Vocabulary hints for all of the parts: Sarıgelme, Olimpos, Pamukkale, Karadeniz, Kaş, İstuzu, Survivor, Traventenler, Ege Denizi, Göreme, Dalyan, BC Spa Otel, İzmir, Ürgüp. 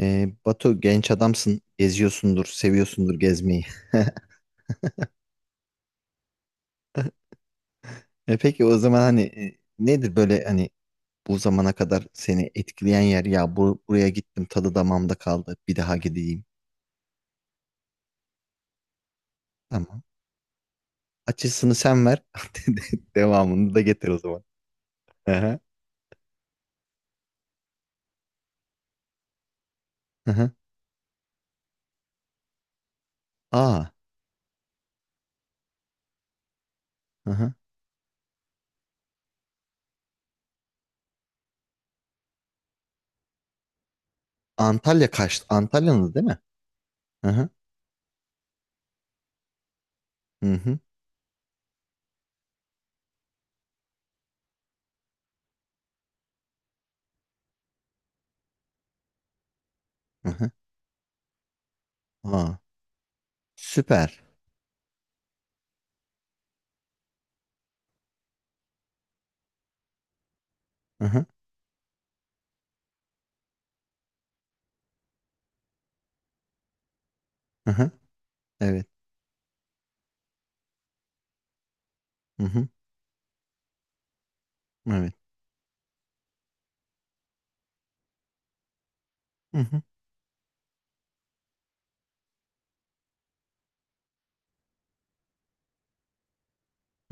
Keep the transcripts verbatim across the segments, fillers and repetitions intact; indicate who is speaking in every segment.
Speaker 1: E, Batu, genç adamsın, geziyorsundur, seviyorsundur gezmeyi. E peki o zaman hani, e, nedir böyle, hani bu zamana kadar seni etkileyen yer, ya bu, buraya gittim, tadı damağımda kaldı, bir daha gideyim. Tamam. Açısını sen ver. De- de- Devamını da getir o zaman. Aha. Aha. Aa. Hı. Antalya Kaş. Antalya'nız, değil mi? Aha. Hı. Hı hı. Aa. Süper. Aha. Aha. Evet. Hı hı. Evet. Hı hı.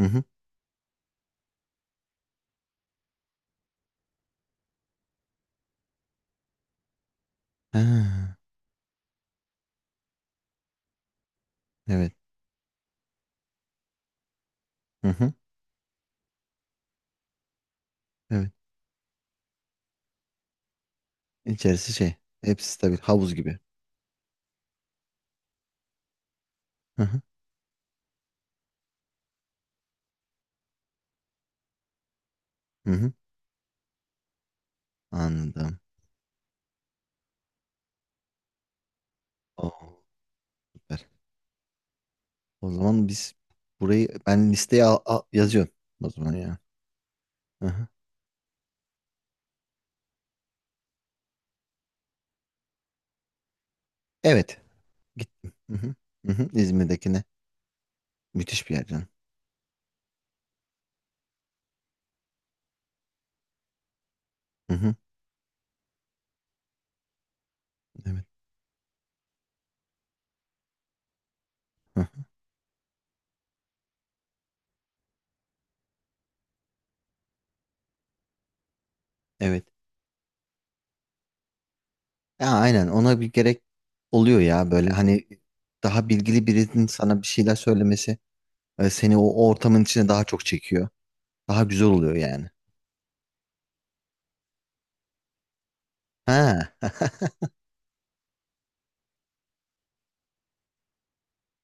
Speaker 1: Hı hı. Ha, evet. Hı hı. Evet. İçerisi şey. Hepsi stabil. Havuz gibi. Hı hı. Hı hı. Anladım. Oo, süper. O zaman biz, burayı ben listeye al- al- yazıyorum o zaman ya. Hı hı. Evet. Gittim. Hı hı. Hı hı. İzmir'dekine. Müthiş bir yer canım. Hı hı. Evet. Hı hı. Evet. Ya aynen, ona bir gerek oluyor ya böyle, hani daha bilgili birinin sana bir şeyler söylemesi, e, seni o, o ortamın içine daha çok çekiyor. Daha güzel oluyor yani. Ha.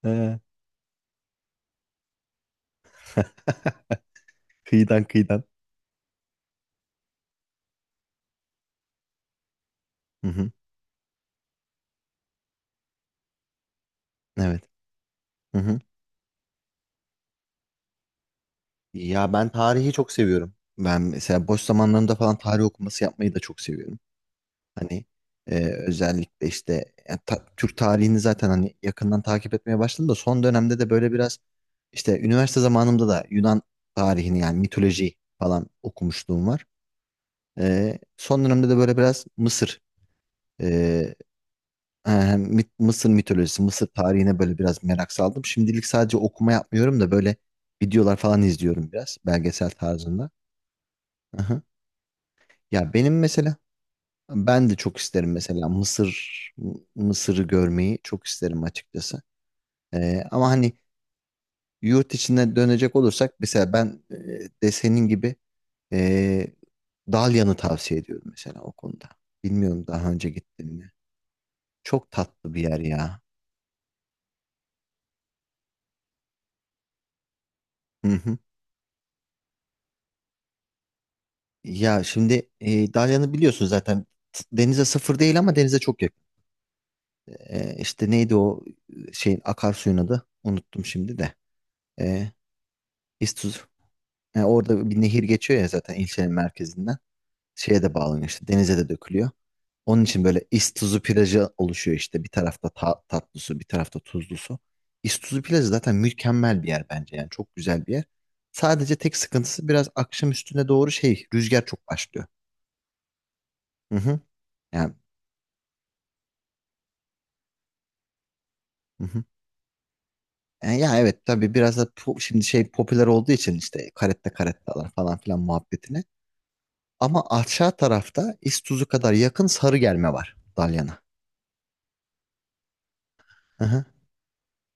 Speaker 1: He. Kıyıdan kıyıdan. Hı hı. Evet. Hı hı. Ya ben tarihi çok seviyorum. Ben mesela boş zamanlarımda falan tarih okuması yapmayı da çok seviyorum. Hani e, özellikle işte ya, ta- Türk tarihini zaten hani yakından takip etmeye başladım da, son dönemde de böyle biraz, işte üniversite zamanımda da Yunan tarihini, yani mitoloji falan okumuşluğum var. E, son dönemde de böyle biraz Mısır, Ee, mit- Mısır mitolojisi, Mısır tarihine böyle biraz merak saldım. Şimdilik sadece okuma yapmıyorum da böyle videolar falan izliyorum, biraz belgesel tarzında. Aha. Ya benim mesela, ben de çok isterim mesela Mısır, M- Mısır'ı görmeyi çok isterim açıkçası. Ee, ama hani, yurt içine dönecek olursak mesela ben, e, de senin gibi, e, Dalyan'ı tavsiye ediyorum mesela o konuda. Bilmiyorum, daha önce gittin mi? Çok tatlı bir yer ya. Hı hı. Ya şimdi e, Dalyan'ı biliyorsun zaten, S- denize sıfır değil ama denize çok yakın. E, işte neydi o, e, şeyin, akarsuyun adı? Unuttum şimdi de. E, İstuz. E, orada bir nehir geçiyor ya zaten, ilçenin merkezinden. Şeye de bağlanıyor, işte denize de dökülüyor. Onun için böyle İstuzu plajı oluşuyor, işte bir tarafta ta- tatlı su, bir tarafta tuzlu su. İstuzu plajı zaten mükemmel bir yer bence, yani çok güzel bir yer. Sadece tek sıkıntısı, biraz akşam üstüne doğru şey, rüzgar çok başlıyor. Hı hı. Yani hı hı. E, ya evet tabii, biraz da po- şimdi şey popüler olduğu için, işte karette karettalar falan filan muhabbetine. Ama aşağı tarafta, İztuzu kadar yakın Sarıgelme var Dalyan'a. Hı hı.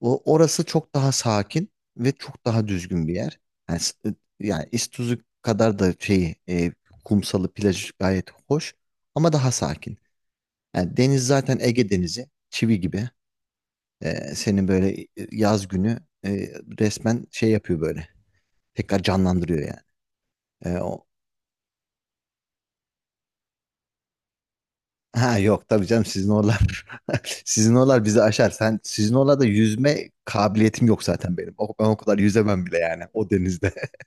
Speaker 1: O, orası çok daha sakin ve çok daha düzgün bir yer. Yani, s- yani İztuzu kadar da şeyi, e, kumsalı, plajı gayet hoş, ama daha sakin. Yani deniz zaten, Ege Denizi çivi gibi. E, seni böyle, e, yaz günü, e, resmen şey yapıyor böyle. Tekrar canlandırıyor yani. Ha yok tabii canım, sizin oralar sizin oralar bizi aşar. Sen, sizin oralarda yüzme kabiliyetim yok zaten benim. O, ben o kadar yüzemem bile yani, o denizde.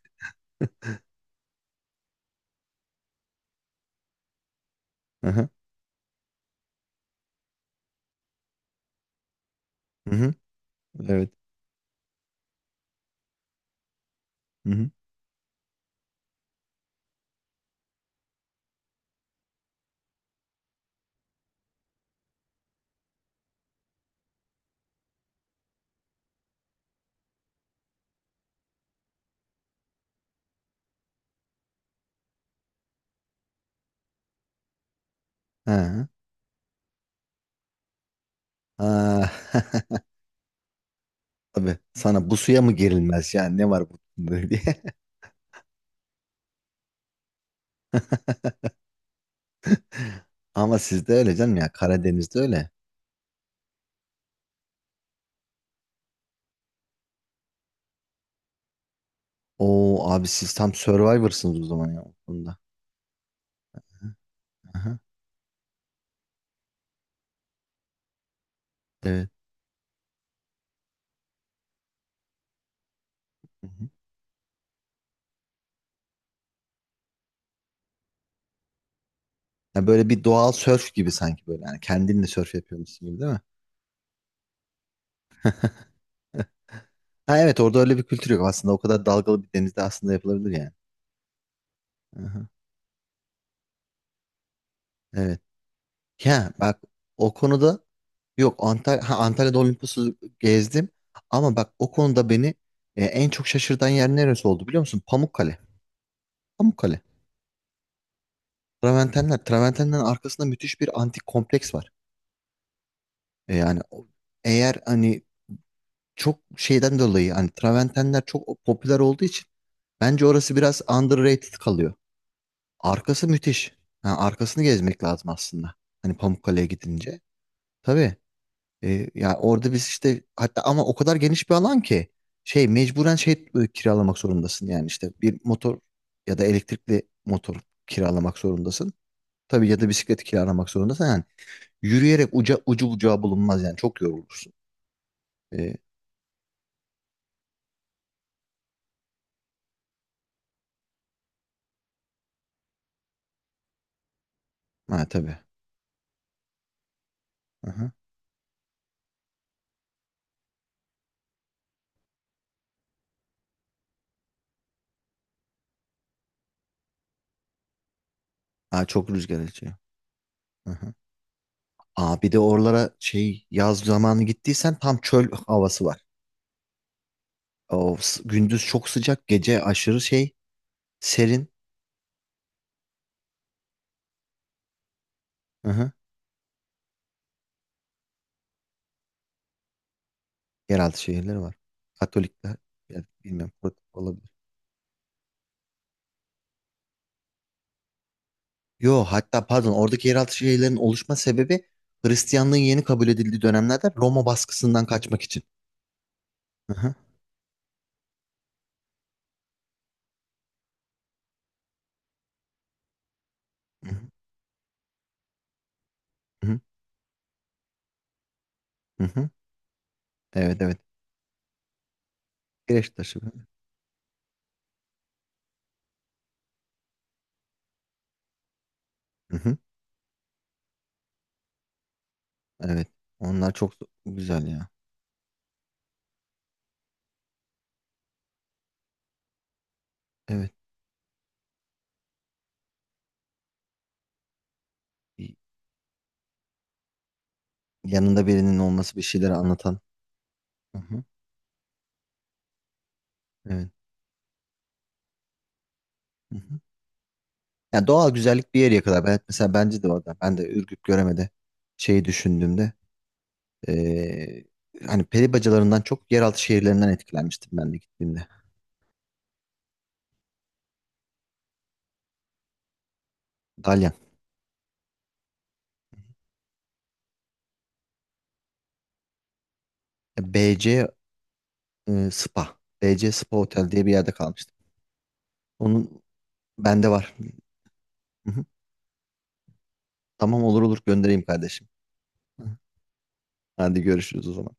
Speaker 1: Hı hı. Hı hı. Evet. Hı hı. Ha. Ha. Tabii, sana bu suya mı girilmez yani, ne var bu diye. Ama sizde öyle canım, ya Karadeniz'de öyle. Oo abi, siz tam Survivor'sınız o zaman ya o konuda. Aha, evet. Hı hı. Ya böyle bir doğal sörf gibi sanki böyle. Yani kendinle sörf yapıyormuşsun gibi, değil mi? Ha evet, orada öyle bir kültür yok aslında. O kadar dalgalı bir denizde aslında yapılabilir yani. Aha, evet. Ya bak, o konuda yok Antalya, ha, Antalya'da Olimpos'u gezdim. Ama bak o konuda beni e, en çok şaşırtan yer neresi oldu biliyor musun? Pamukkale. Pamukkale. Traventenler. Traventenlerin arkasında müthiş bir antik kompleks var. E, yani o- eğer hani, çok şeyden dolayı, hani Traventenler çok popüler olduğu için, bence orası biraz underrated kalıyor. Arkası müthiş. Ha, arkasını gezmek lazım aslında, hani Pamukkale'ye gidince. Tabii. E, ya orada biz, işte hatta, ama o kadar geniş bir alan ki, şey mecburen şey e, kiralamak zorundasın, yani işte bir motor ya da elektrikli motor kiralamak zorundasın. Tabii, ya da bisiklet kiralamak zorundasın. Yani yürüyerek uca, ucu bucağı bulunmaz yani, çok yorulursun. E, ha, tabii. Aha. Ha, çok rüzgar esiyor. Aha. Aa, bir de oralara şey, yaz zamanı gittiysen tam çöl havası var. O, s- gündüz çok sıcak, gece aşırı şey, serin. Hı hı. Yeraltı şehirleri var. Katolikler, ya bilmiyorum, Protestan olabilir. Yo, hatta pardon, oradaki yeraltı şehirlerin oluşma sebebi, Hristiyanlığın yeni kabul edildiği dönemlerde Roma baskısından kaçmak için. Hı hı. Hı hı. Hı hı. Evet, evet. Kireç taşı. Hı hı. Evet. Onlar çok güzel ya. Evet. Yanında birinin olması, bir şeyleri anlatan. Hı hı. Evet. Hı hı. Yani, doğal güzellik bir yere kadar. Ben mesela, bence de orada. Ben de Ürgüp Göreme'de şeyi düşündüğümde, eee, hani peri bacalarından çok yeraltı şehirlerinden etkilenmiştim, ben de gittiğimde. Dalyan. E, B C e, Spa. B C Spa Otel diye bir yerde kalmıştım. Onun bende var. Hı hı. Tamam, olur olur, göndereyim kardeşim. Hı. Hadi görüşürüz o zaman.